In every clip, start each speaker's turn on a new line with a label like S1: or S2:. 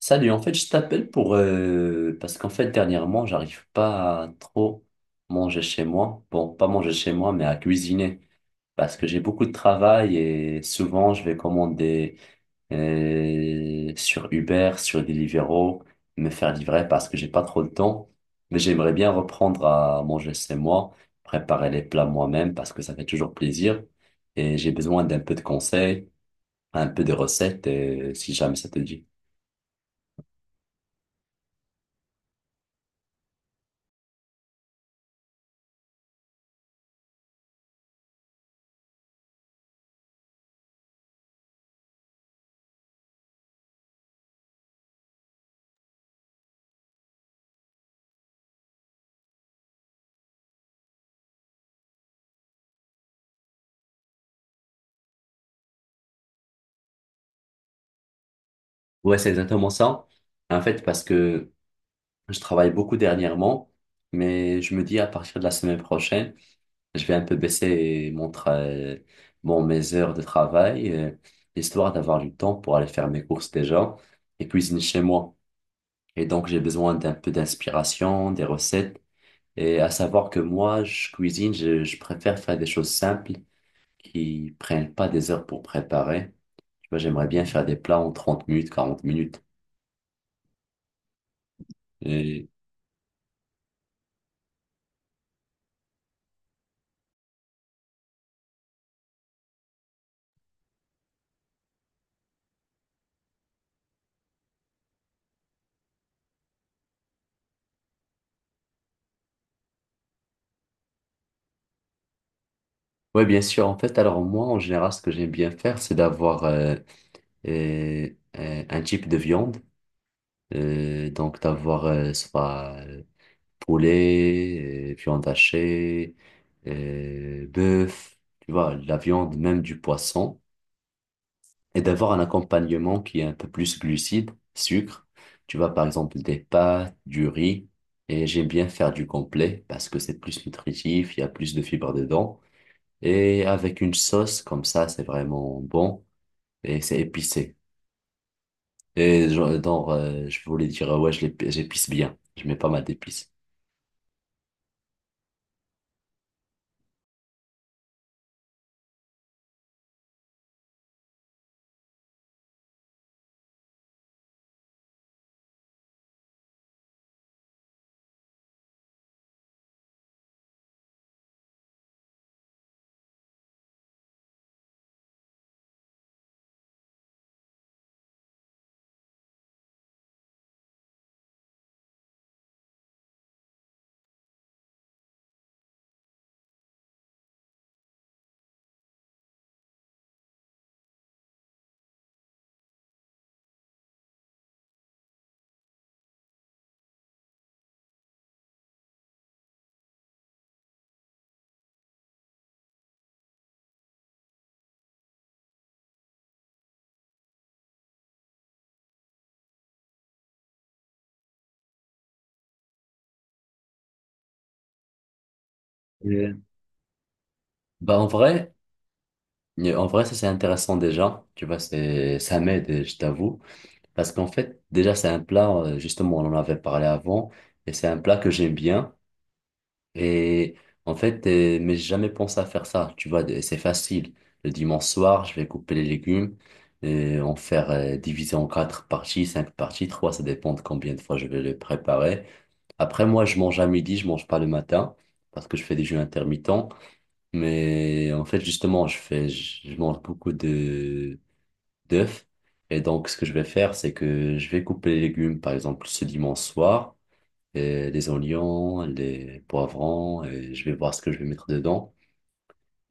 S1: Salut, en fait, je t'appelle parce qu'en fait, dernièrement, j'arrive pas à trop manger chez moi. Bon, pas manger chez moi, mais à cuisiner. Parce que j'ai beaucoup de travail et souvent, je vais commander sur Uber, sur Deliveroo, me faire livrer parce que j'ai pas trop de temps. Mais j'aimerais bien reprendre à manger chez moi, préparer les plats moi-même parce que ça fait toujours plaisir. Et j'ai besoin d'un peu de conseils un peu de recettes, si jamais ça te dit. Ouais, c'est exactement ça. En fait, parce que je travaille beaucoup dernièrement, mais je me dis à partir de la semaine prochaine, je vais un peu baisser bon, mes heures de travail, histoire d'avoir du temps pour aller faire mes courses déjà et cuisiner chez moi. Et donc, j'ai besoin d'un peu d'inspiration, des recettes. Et à savoir que moi, je cuisine, je préfère faire des choses simples qui prennent pas des heures pour préparer. Tu vois, j'aimerais bien faire des plats en 30 minutes, 40 minutes. Et... Ouais, bien sûr. En fait, alors moi, en général, ce que j'aime bien faire, c'est d'avoir euh, un type de viande. Donc, d'avoir soit poulet, viande hachée, bœuf, tu vois, la viande, même du poisson. Et d'avoir un accompagnement qui est un peu plus glucide, sucre. Tu vois, par exemple, des pâtes, du riz. Et j'aime bien faire du complet parce que c'est plus nutritif, il y a plus de fibres dedans. Et avec une sauce comme ça, c'est vraiment bon et c'est épicé. Et genre, je voulais dire, ouais, j'épice bien. Je mets pas mal d'épices. Et- Bah, en vrai, ça c'est intéressant déjà. Tu vois, ça m'aide, je t'avoue. Parce qu'en fait, déjà, c'est un plat, justement, on en avait parlé avant, et c'est un plat que j'aime bien. Et en fait, mais j'ai jamais pensé à faire ça. Tu vois, de- c'est facile. Le dimanche soir, je vais couper les légumes et en faire diviser en quatre parties, cinq parties, trois, ça dépend de combien de fois je vais le préparer. Après, moi, je mange à midi, je mange pas le matin parce que je fais des jeûnes intermittents. Mais en fait, justement, je mange beaucoup de, d'œufs. Et donc, ce que je vais faire, c'est que je vais couper les légumes, par exemple, ce dimanche soir, et les oignons, les poivrons, et je vais voir ce que je vais mettre dedans.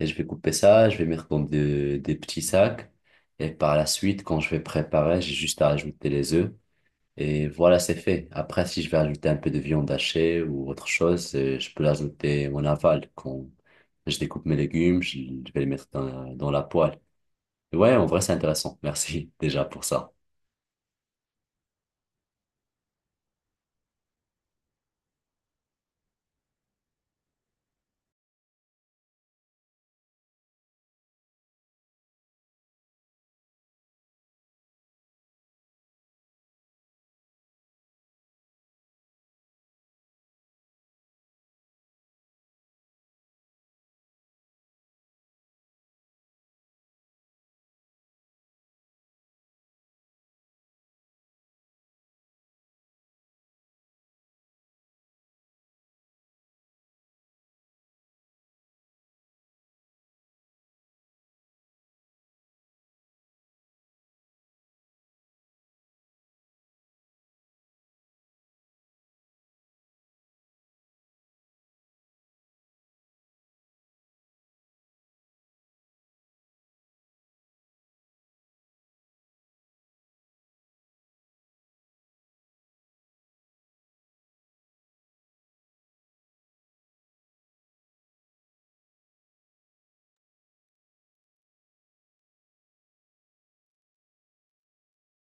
S1: Et je vais couper ça, je vais mettre des petits sacs. Et par la suite, quand je vais préparer, j'ai juste à ajouter les œufs. Et voilà, c'est fait. Après, si je vais ajouter un peu de viande hachée ou autre chose, je peux l'ajouter en aval. Quand je découpe mes légumes, je vais les mettre dans la poêle. Ouais, en vrai, c'est intéressant. Merci déjà pour ça.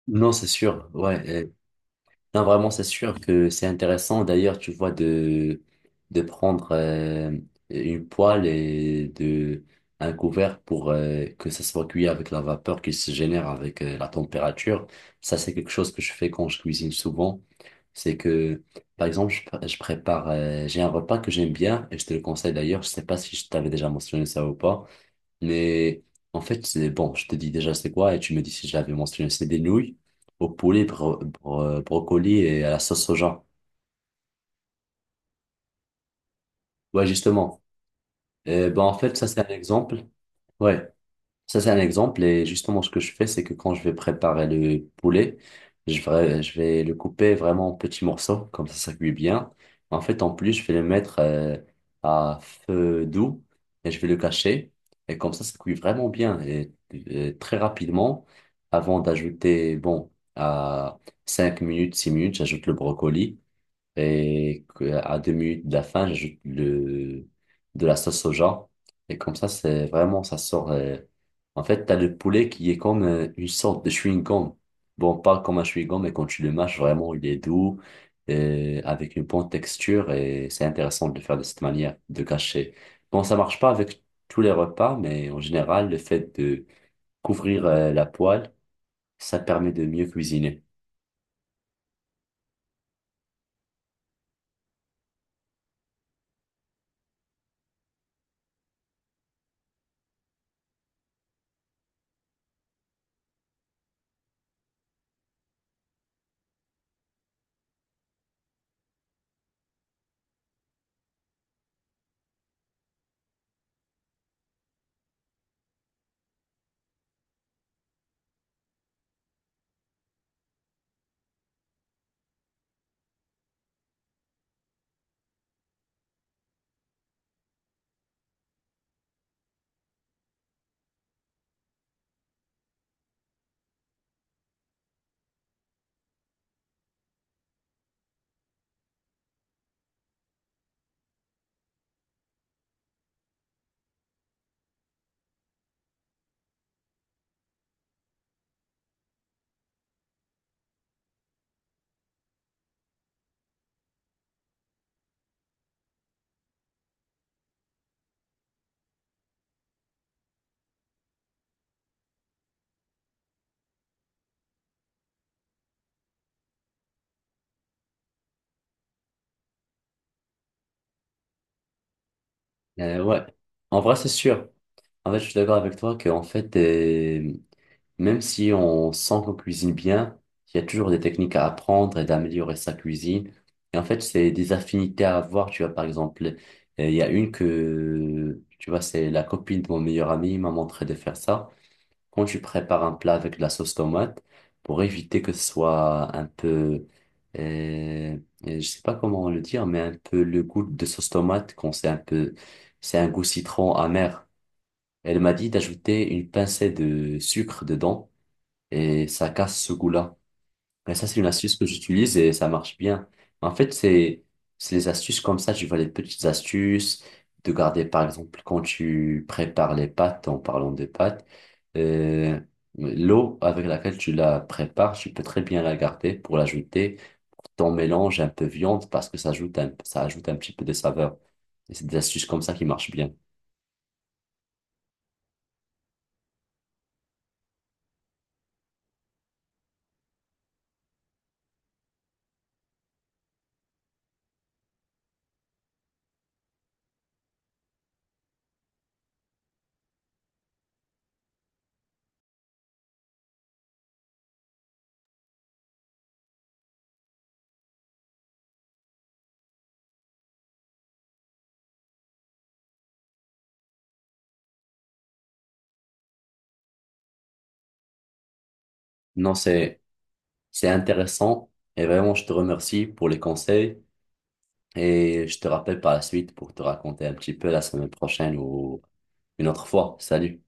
S1: Non, c'est sûr. Ouais, non, vraiment, c'est sûr que c'est intéressant. D'ailleurs, tu vois, de prendre une poêle et de, un couvert pour que ça soit cuit avec la vapeur qui se génère avec la température. Ça, c'est quelque chose que je fais quand je cuisine souvent. C'est que, par exemple, je prépare, j'ai un repas que j'aime bien et je te le conseille d'ailleurs. Je sais pas si je t'avais déjà mentionné ça ou pas. Mais en fait, c'est bon, je te dis déjà c'est quoi et tu me dis si je l'avais mentionné, c'est des nouilles au poulet, brocoli et à la sauce soja. Ouais, justement. Et ben en fait, ça c'est un exemple. Ouais. Ça, c'est un exemple. Et justement, ce que je fais, c'est que quand je vais préparer le poulet, je vais le couper vraiment en petits morceaux, comme ça cuit bien. En fait, en plus, je vais le mettre à feu doux et je vais le cacher. Et comme ça cuit vraiment bien et très rapidement. Avant d'ajouter, bon, à 5 minutes, 6 minutes, j'ajoute le brocoli à 2 minutes de la fin, j'ajoute de la sauce soja. Et comme ça, c'est vraiment, ça sort. En fait, t'as le poulet qui est comme une sorte de chewing-gum. Bon, pas comme un chewing-gum, mais quand tu le mâches, vraiment, il est doux, avec une bonne texture, et c'est intéressant de le faire de cette manière, de cacher. Bon, ça marche pas avec tous les repas, mais en général, le fait de couvrir la poêle, ça permet de mieux cuisiner. Ouais, en vrai, c'est sûr. En fait, je suis d'accord avec toi que, en fait, même si on sent qu'on cuisine bien, il y a toujours des techniques à apprendre et d'améliorer sa cuisine. Et en fait, c'est des affinités à avoir. Tu vois, par exemple, il y a une que, tu vois, c'est la copine de mon meilleur ami, il m'a montré de faire ça quand tu prépares un plat avec de la sauce tomate, pour éviter que ce soit un peu, euh, je sais pas comment le dire, mais un peu le goût de sauce tomate, quand c'est un peu, c'est un goût citron amer. Elle m'a dit d'ajouter une pincée de sucre dedans et ça casse ce goût-là. Mais ça, c'est une astuce que j'utilise et ça marche bien. En fait, c'est les astuces comme ça. Tu vois les petites astuces de garder, par exemple, quand tu prépares les pâtes, en parlant de pâtes, euh, l'eau avec laquelle tu la prépares, tu peux très bien la garder pour l'ajouter. Ton mélange un peu viande parce que ça ajoute un petit peu de saveur. Et c'est des astuces comme ça qui marchent bien. Non, c'est intéressant et vraiment, je te remercie pour les conseils. Et je te rappelle par la suite pour te raconter un petit peu la semaine prochaine ou une autre fois. Salut.